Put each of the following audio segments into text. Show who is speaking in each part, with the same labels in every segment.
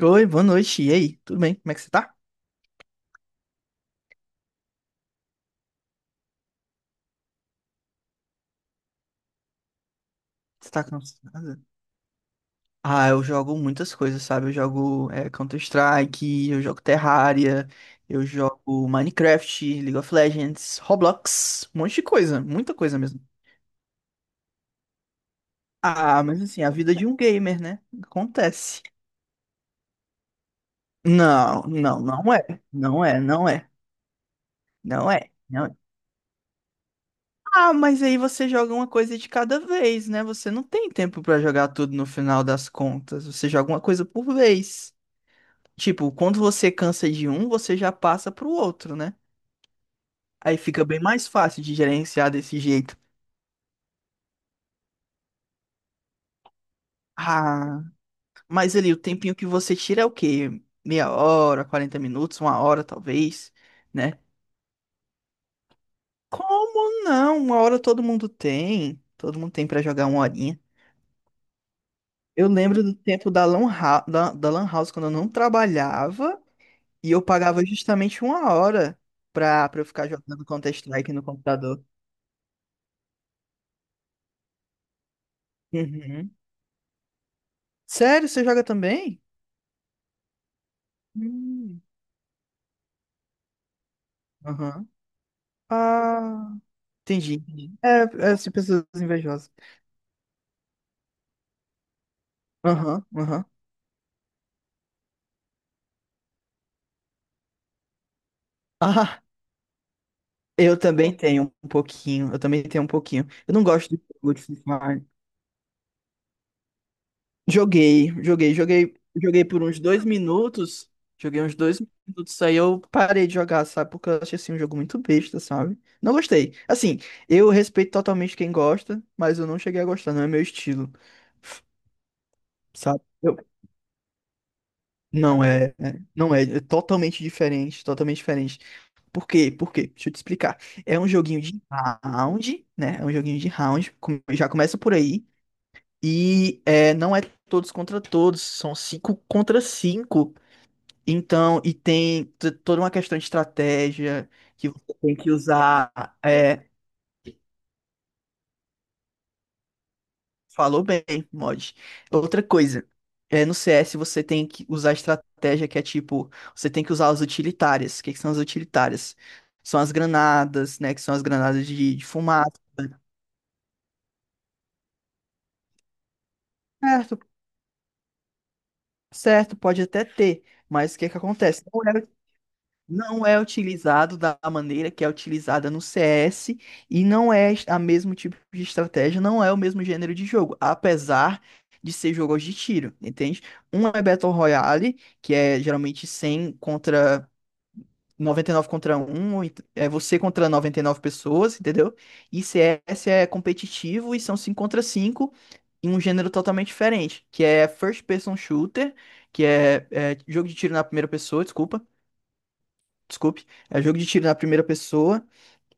Speaker 1: Oi, boa noite. E aí? Tudo bem? Como é que você tá? Você tá cansada? Ah, eu jogo muitas coisas, sabe? Eu jogo Counter-Strike, eu jogo Terraria, eu jogo Minecraft, League of Legends, Roblox, um monte de coisa, muita coisa mesmo. Ah, mas assim, a vida de um gamer, né? Acontece. Não, não, não é. Não é, não é, não é, não é. Ah, mas aí você joga uma coisa de cada vez, né? Você não tem tempo pra jogar tudo no final das contas. Você joga uma coisa por vez. Tipo, quando você cansa de um, você já passa pro outro, né? Aí fica bem mais fácil de gerenciar desse jeito. Ah, mas ali o tempinho que você tira é o quê? Meia hora, 40 minutos, uma hora talvez, né? Como não? Uma hora todo mundo tem. Todo mundo tem pra jogar uma horinha. Eu lembro do tempo da Lan House quando eu não trabalhava e eu pagava justamente uma hora pra eu ficar jogando Counter-Strike no computador. Uhum. Sério, você joga também? Hum. Aham. Ah, entendi, entendi. É assim, pessoas invejosas. Aham, aham. Ah, eu também tenho um pouquinho. Eu também tenho um pouquinho. Eu não gosto de jogo de Free Fire. Joguei, joguei, joguei, joguei por uns 2 minutos. Joguei uns dois minutos, aí eu parei de jogar, sabe? Porque eu achei assim um jogo muito besta, sabe? Não gostei. Assim, eu respeito totalmente quem gosta, mas eu não cheguei a gostar, não é meu estilo. Sabe? Não é, não é, é totalmente diferente, totalmente diferente. Por quê? Por quê? Deixa eu te explicar. É um joguinho de round, né? É um joguinho de round, já começa por aí. E não é todos contra todos, são cinco contra cinco. Então, e tem toda uma questão de estratégia que você tem que usar. É, falou bem, mod. Outra coisa, no CS você tem que usar estratégia que é tipo, você tem que usar as utilitárias. O que que são as utilitárias? São as granadas, né? Que são as granadas de fumaça. Certo, certo, pode até ter, mas o que que acontece? Não é utilizado da maneira que é utilizada no CS e não é a mesmo tipo de estratégia, não é o mesmo gênero de jogo, apesar de ser jogos de tiro, entende? Um é Battle Royale, que é geralmente 100 contra 99 contra um ou é você contra 99 pessoas, entendeu? E CS é competitivo e são 5 contra 5 em um gênero totalmente diferente, que é First Person Shooter, que é jogo de tiro na primeira pessoa, desculpa Desculpe. É jogo de tiro na primeira pessoa.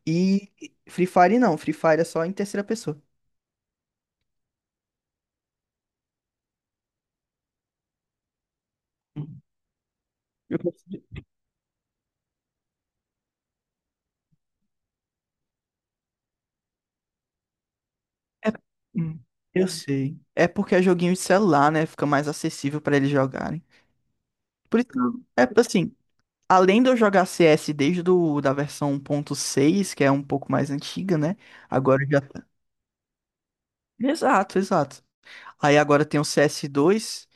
Speaker 1: E Free Fire não. Free Fire é só em terceira pessoa. Eu, consigo- é- hum, eu sei. É porque é joguinho de celular, né? Fica mais acessível pra eles jogarem. Por isso, é assim, além de eu jogar CS desde da versão 1.6, que é um pouco mais antiga, né? Agora já tá. Exato, exato. Aí agora tem o CS2.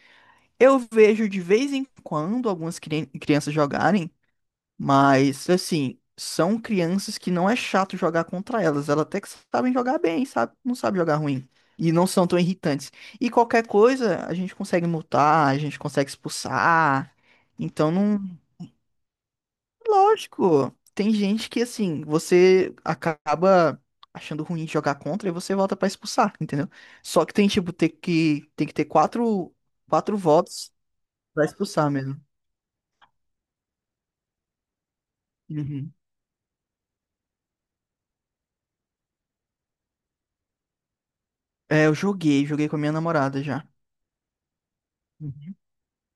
Speaker 1: Eu vejo de vez em quando algumas crianças jogarem. Mas, assim, são crianças que não é chato jogar contra elas. Elas até que sabem jogar bem, sabe? Não sabem jogar ruim. E não são tão irritantes. E qualquer coisa, a gente consegue multar, a gente consegue expulsar. Então, não. Lógico, tem gente que, assim, você acaba achando ruim de jogar contra e você volta pra expulsar, entendeu? Só que tem, tipo, tem que ter quatro votos pra expulsar mesmo. Uhum. É, eu joguei, joguei com a minha namorada já. Uhum.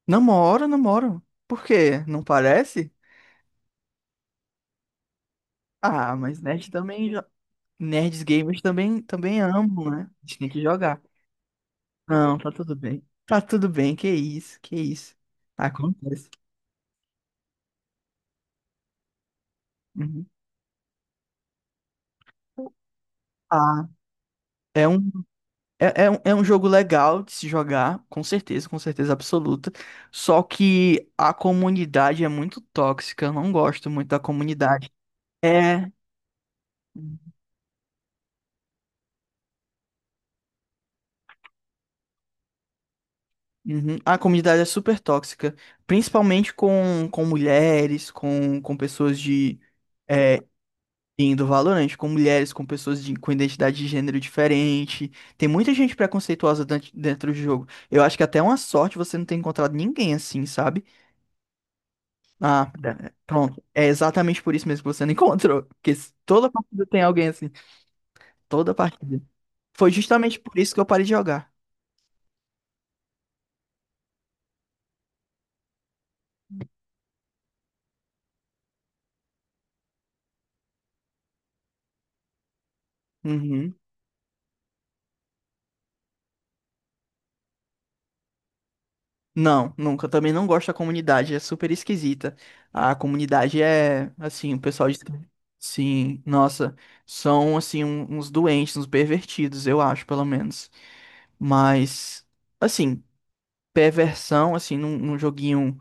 Speaker 1: Namoro, namoro. Por quê? Não parece? Ah, mas nerd também. Nerds gamers também amam, né? A gente tem que jogar. Não, tá tudo bem. Tá tudo bem, que isso, que isso. Acontece. Uhum. Ah, é um, é um jogo legal de se jogar, com certeza absoluta. Só que a comunidade é muito tóxica, eu não gosto muito da comunidade. É. Uhum. A comunidade é super tóxica, principalmente com mulheres, com pessoas de é, indo Valorant, com mulheres, com pessoas com identidade de gênero diferente. Tem muita gente preconceituosa dentro do jogo. Eu acho que até é uma sorte você não ter encontrado ninguém assim, sabe? Ah, é, pronto. É exatamente por isso mesmo que você não encontrou. Porque toda partida tem alguém assim. Toda partida. Foi justamente por isso que eu parei de jogar. Uhum. Não, nunca. Também não gosto da comunidade, é super esquisita. A comunidade é, assim, o pessoal de. Sim, nossa, são, assim, uns doentes, uns pervertidos, eu acho, pelo menos. Mas, assim, perversão, assim, num joguinho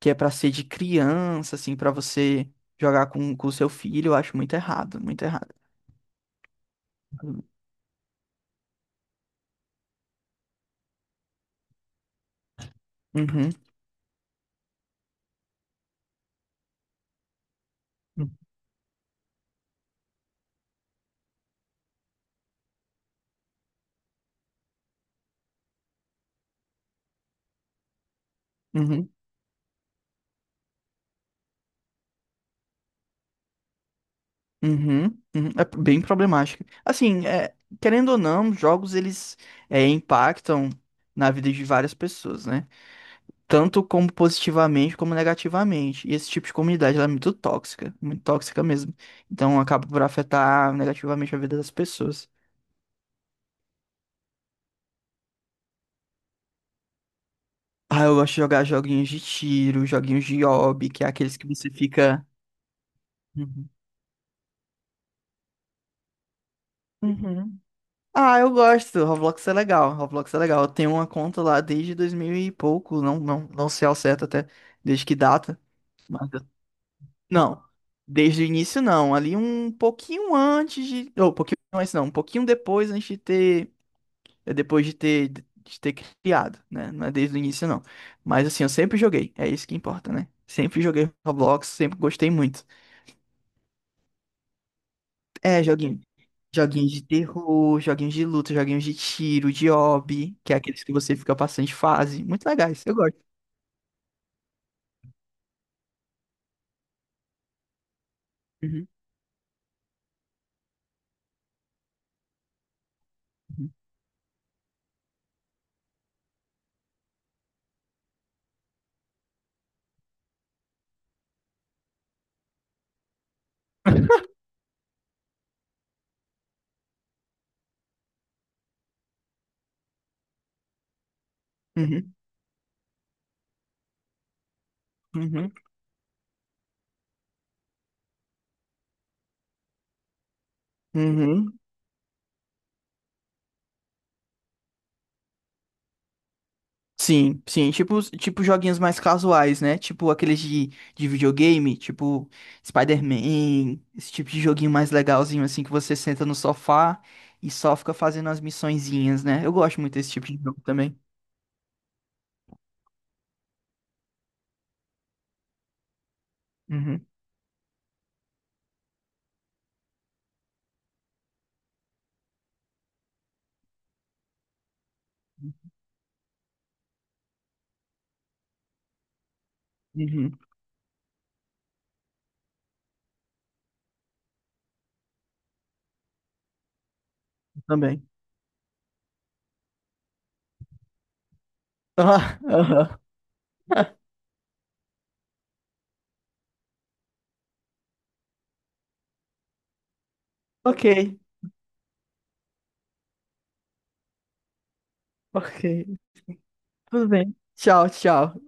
Speaker 1: que é pra ser de criança, assim, pra você jogar com o seu filho, eu acho muito errado, muito errado. Uhum, uhum. Uhum, uhum, é bem problemática. Assim, querendo ou não, jogos eles impactam na vida de várias pessoas, né? Tanto como positivamente como negativamente. E esse tipo de comunidade ela é muito tóxica mesmo. Então acaba por afetar negativamente a vida das pessoas. Ah, eu gosto de jogar joguinhos de tiro, joguinhos de hobby, que é aqueles que você fica. Uhum. Uhum. Ah, eu gosto. Roblox é legal. Roblox é legal. Eu tenho uma conta lá desde 2000 e pouco. Não, não, não sei ao certo até desde que data. Mas eu- Não. Desde o início, não. Ali um pouquinho antes de. Ou, um pouquinho antes, não. Um pouquinho depois antes de ter. Depois de ter, criado, né? Não é desde o início, não. Mas assim, eu sempre joguei. É isso que importa, né? Sempre joguei Roblox, sempre gostei muito. É, joguinho. Joguinhos de terror, joguinhos de luta, joguinhos de tiro, de hobby, que é aqueles que você fica passando de fase. Muito legais, eu gosto. Uhum, uhum, uhum, uhum. Sim, sim, tipo, tipo joguinhos mais casuais, né? Tipo aqueles de videogame, tipo Spider-Man, esse tipo de joguinho mais legalzinho, assim, que você senta no sofá e só fica fazendo as missõezinhas, né? Eu gosto muito desse tipo de jogo também. Uhum, uhum, também. Ah, aham. Ok, ok. Tudo bem. Tchau, tchau.